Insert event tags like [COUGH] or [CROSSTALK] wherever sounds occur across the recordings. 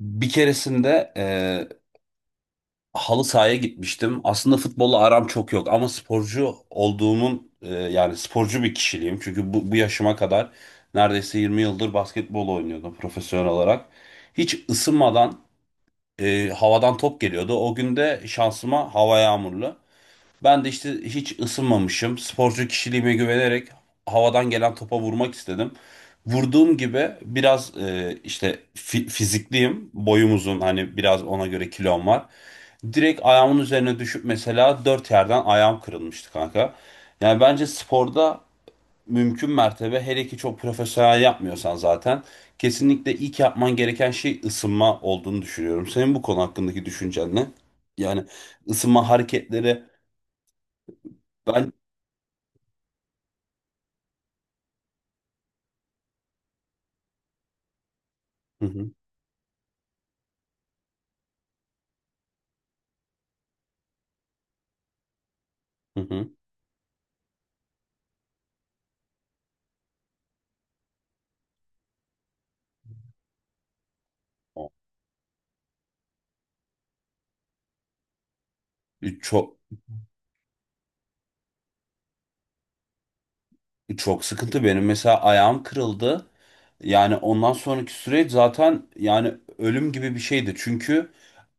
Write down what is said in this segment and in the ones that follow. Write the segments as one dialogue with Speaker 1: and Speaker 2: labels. Speaker 1: Bir keresinde halı sahaya gitmiştim. Aslında futbolla aram çok yok ama sporcu olduğumun yani sporcu bir kişiliğim. Çünkü bu yaşıma kadar neredeyse 20 yıldır basketbol oynuyordum profesyonel olarak. Hiç ısınmadan havadan top geliyordu. O gün de şansıma hava yağmurlu. Ben de işte hiç ısınmamışım. Sporcu kişiliğime güvenerek havadan gelen topa vurmak istedim. Vurduğum gibi biraz işte fizikliyim. Boyum uzun, hani biraz ona göre kilom var. Direkt ayağımın üzerine düşüp mesela dört yerden ayağım kırılmıştı kanka. Yani bence sporda mümkün mertebe, hele ki çok profesyonel yapmıyorsan zaten kesinlikle ilk yapman gereken şey ısınma olduğunu düşünüyorum. Senin bu konu hakkındaki düşüncen ne? Yani ısınma hareketleri. Hı hı. Hı hı. Çok çok sıkıntı benim, mesela ayağım kırıldı. Yani ondan sonraki süreç zaten yani ölüm gibi bir şeydi. Çünkü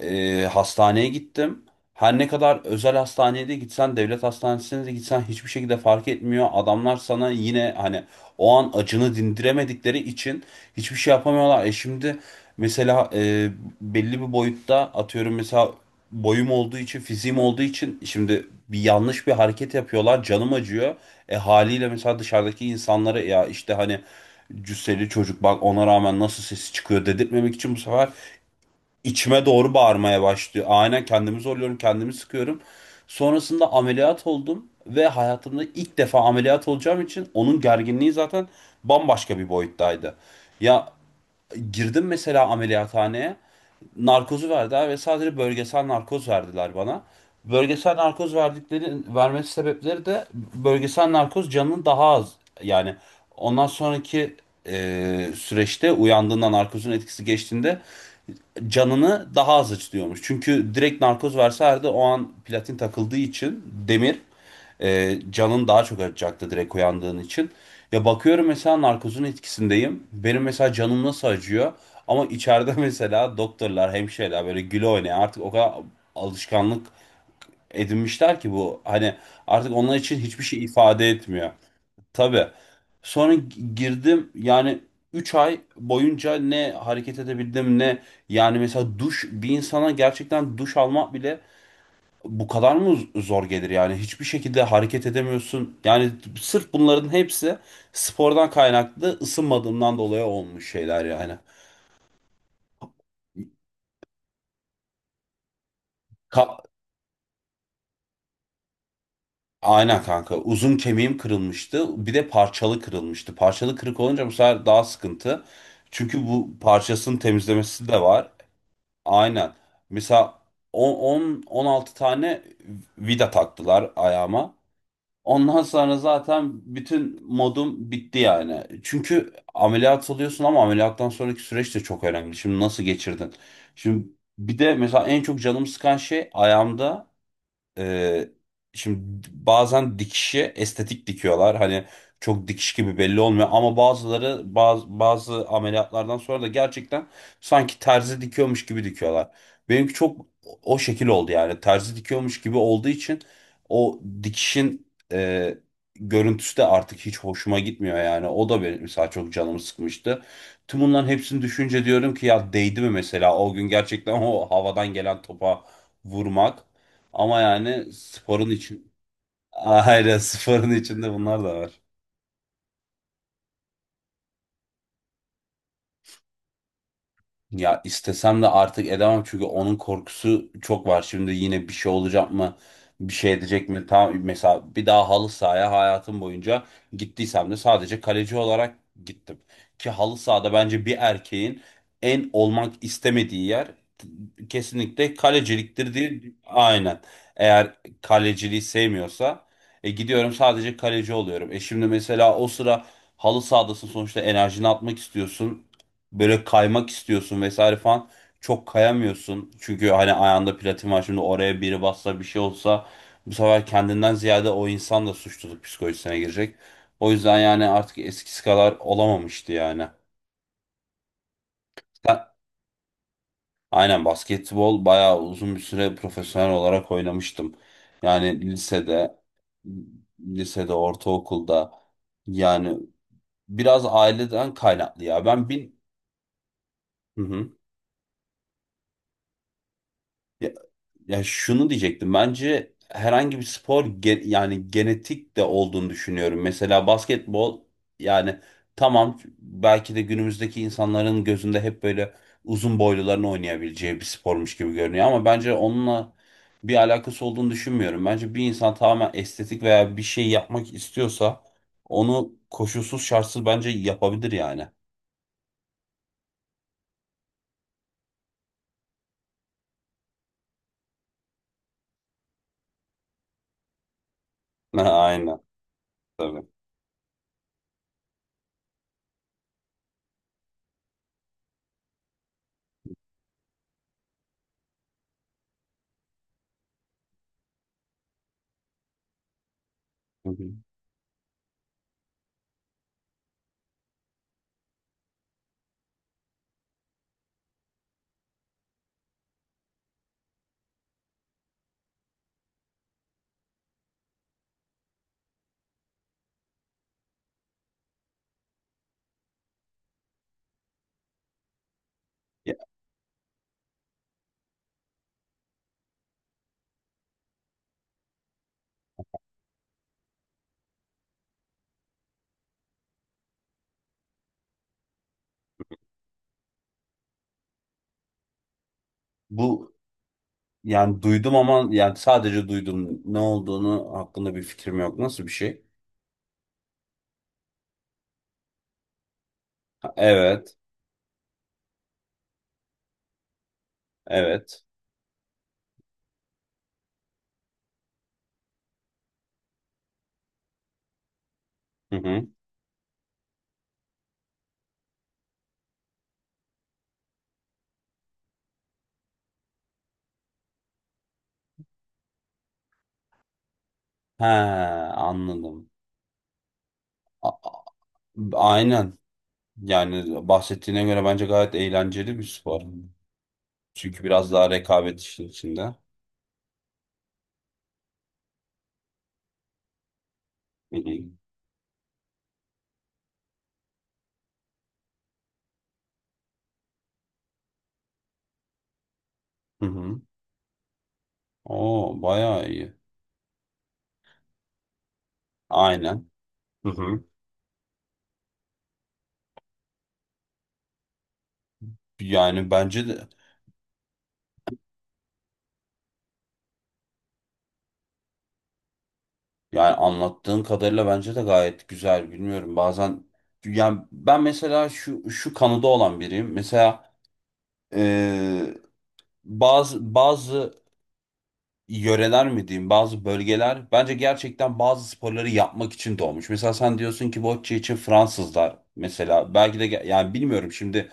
Speaker 1: hastaneye gittim. Her ne kadar özel hastaneye de gitsen, devlet hastanesine de gitsen hiçbir şekilde fark etmiyor. Adamlar sana yine hani o an acını dindiremedikleri için hiçbir şey yapamıyorlar. Şimdi mesela belli bir boyutta atıyorum, mesela boyum olduğu için, fiziğim olduğu için şimdi bir yanlış bir hareket yapıyorlar, canım acıyor. Haliyle mesela dışarıdaki insanlara ya işte hani cüsseli çocuk bak ona rağmen nasıl sesi çıkıyor dedirtmemek için bu sefer içime doğru bağırmaya başlıyor. Aynen, kendimi zorluyorum, kendimi sıkıyorum. Sonrasında ameliyat oldum ve hayatımda ilk defa ameliyat olacağım için onun gerginliği zaten bambaşka bir boyuttaydı. Ya, girdim mesela ameliyathaneye, narkozu verdiler ve sadece bölgesel narkoz verdiler bana. Bölgesel narkoz verdikleri, vermesi sebepleri de bölgesel narkoz canının daha az, yani ondan sonraki süreçte uyandığında narkozun etkisi geçtiğinde canını daha az acıtıyormuş. Çünkü direkt narkoz verselerdi o an platin takıldığı için demir canın daha çok acıtacaktı direkt uyandığın için. Ya bakıyorum, mesela narkozun etkisindeyim. Benim mesela canım nasıl acıyor? Ama içeride [LAUGHS] mesela doktorlar, hemşireler böyle güle oynaya artık o kadar alışkanlık edinmişler ki bu. Hani artık onlar için hiçbir şey ifade etmiyor. Tabii. Sonra girdim yani, 3 ay boyunca ne hareket edebildim ne, yani mesela duş, bir insana gerçekten duş almak bile bu kadar mı zor gelir yani, hiçbir şekilde hareket edemiyorsun. Yani sırf bunların hepsi spordan kaynaklı ısınmadığımdan dolayı olmuş şeyler yani. Ka- Aynen kanka. Uzun kemiğim kırılmıştı. Bir de parçalı kırılmıştı. Parçalı kırık olunca bu sefer daha sıkıntı. Çünkü bu parçasının temizlemesi de var. Aynen. Mesela on on altı tane vida taktılar ayağıma. Ondan sonra zaten bütün modum bitti yani. Çünkü ameliyat oluyorsun ama ameliyattan sonraki süreç de çok önemli. Şimdi nasıl geçirdin? Şimdi bir de mesela en çok canımı sıkan şey ayağımda, ee, şimdi bazen dikişi estetik dikiyorlar. Hani çok dikiş gibi belli olmuyor ama bazıları bazı ameliyatlardan sonra da gerçekten sanki terzi dikiyormuş gibi dikiyorlar. Benimki çok o şekil oldu yani. Terzi dikiyormuş gibi olduğu için o dikişin görüntüsü de artık hiç hoşuma gitmiyor yani. O da benim mesela çok canımı sıkmıştı. Tüm bunların hepsini düşünce diyorum ki ya, değdi mi mesela o gün gerçekten o havadan gelen topa vurmak. Ama yani sporun için [LAUGHS] aynen sporun içinde bunlar da var. Ya istesem de artık edemem çünkü onun korkusu çok var. Şimdi yine bir şey olacak mı? Bir şey edecek mi? Tam mesela bir daha halı sahaya hayatım boyunca gittiysem de sadece kaleci olarak gittim. Ki halı sahada bence bir erkeğin en olmak istemediği yer kesinlikle kaleciliktir diye. Aynen. Eğer kaleciliği sevmiyorsa gidiyorum sadece kaleci oluyorum. Şimdi mesela o sıra halı sahadasın sonuçta, enerjini atmak istiyorsun, böyle kaymak istiyorsun vesaire falan, çok kayamıyorsun. Çünkü hani ayağında platin var, şimdi oraya biri bassa bir şey olsa bu sefer kendinden ziyade o insan da suçluluk psikolojisine girecek. O yüzden yani artık eskisi kadar olamamıştı yani. Sen- aynen, basketbol bayağı uzun bir süre profesyonel olarak oynamıştım. Yani lisede, ortaokulda yani biraz aileden kaynaklı ya. Ben bin... Hı hı. Ya, şunu diyecektim. Bence herhangi bir spor yani genetik de olduğunu düşünüyorum. Mesela basketbol, yani tamam belki de günümüzdeki insanların gözünde hep böyle uzun boyluların oynayabileceği bir spormuş gibi görünüyor ama bence onunla bir alakası olduğunu düşünmüyorum. Bence bir insan tamamen estetik veya bir şey yapmak istiyorsa onu koşulsuz şartsız bence yapabilir yani. [LAUGHS] Aynen, tabii. Hı hı. Ya, bu. Yani duydum ama yani sadece duydum. Ne olduğunu hakkında bir fikrim yok. Nasıl bir şey? Ha, evet. Evet. Hı hı. He, anladım. A- aynen. Yani bahsettiğine göre bence gayet eğlenceli bir spor. Çünkü biraz daha rekabet işin içinde. Hı hı. Hı hı. Oo, bayağı iyi. Aynen. Hı hı. Yani bence de, yani anlattığın kadarıyla bence de gayet güzel. Bilmiyorum. Bazen yani ben mesela şu kanıda olan biriyim. Mesela Ee, bazı yöreler mi diyeyim, bazı bölgeler bence gerçekten bazı sporları yapmak için doğmuş. Mesela sen diyorsun ki bocce için Fransızlar, mesela belki de yani bilmiyorum şimdi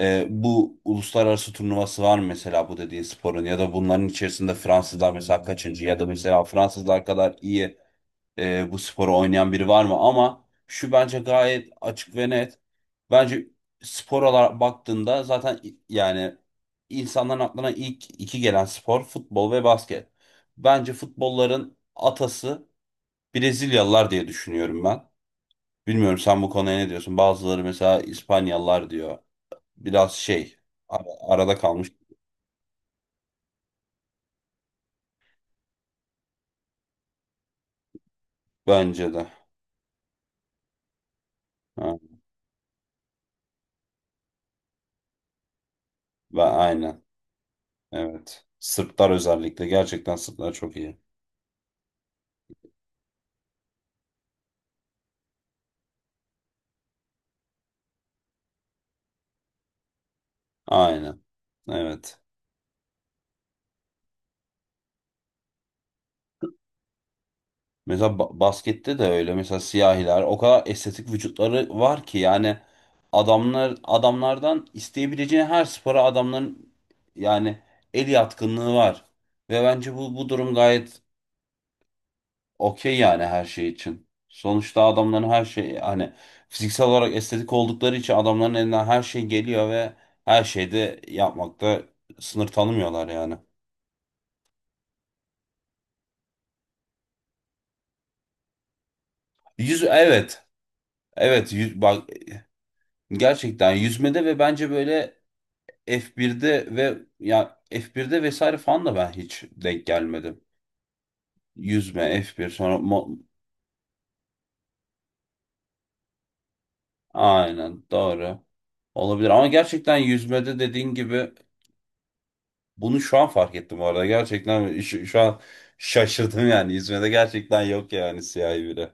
Speaker 1: bu uluslararası turnuvası var mı mesela bu dediğin sporun, ya da bunların içerisinde Fransızlar mesela kaçıncı, ya da mesela Fransızlar kadar iyi bu sporu oynayan biri var mı? Ama şu bence gayet açık ve net. Bence spor olarak baktığında zaten yani insanların aklına ilk iki gelen spor futbol ve basket. Bence futbolların atası Brezilyalılar diye düşünüyorum ben. Bilmiyorum sen bu konuya ne diyorsun? Bazıları mesela İspanyalılar diyor. Biraz şey arada kalmış bence de. Ha, ben aynen. Evet. Sırplar özellikle. Gerçekten Sırplar çok iyi. Aynen. Evet. Mesela baskette de öyle. Mesela siyahiler o kadar estetik vücutları var ki yani adamlar, adamlardan isteyebileceğin her spora adamların yani el yatkınlığı var. Ve bence bu durum gayet okey yani, her şey için. Sonuçta adamların her şey hani fiziksel olarak estetik oldukları için adamların elinden her şey geliyor ve her şeyde yapmakta sınır tanımıyorlar yani. Yüz, evet. Evet yüz, bak, gerçekten yüzmede ve bence böyle F1'de ve ya F1'de vesaire falan da ben hiç denk gelmedim. Yüzme, F1 sonra aynen doğru. Olabilir ama gerçekten yüzmede dediğin gibi bunu şu an fark ettim bu arada. Gerçekten şu an şaşırdım yani. Yüzmede gerçekten yok yani, siyahi biri.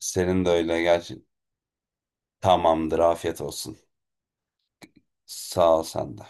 Speaker 1: Senin de öyle gerçi. Tamamdır, afiyet olsun. Sağ ol, sen de.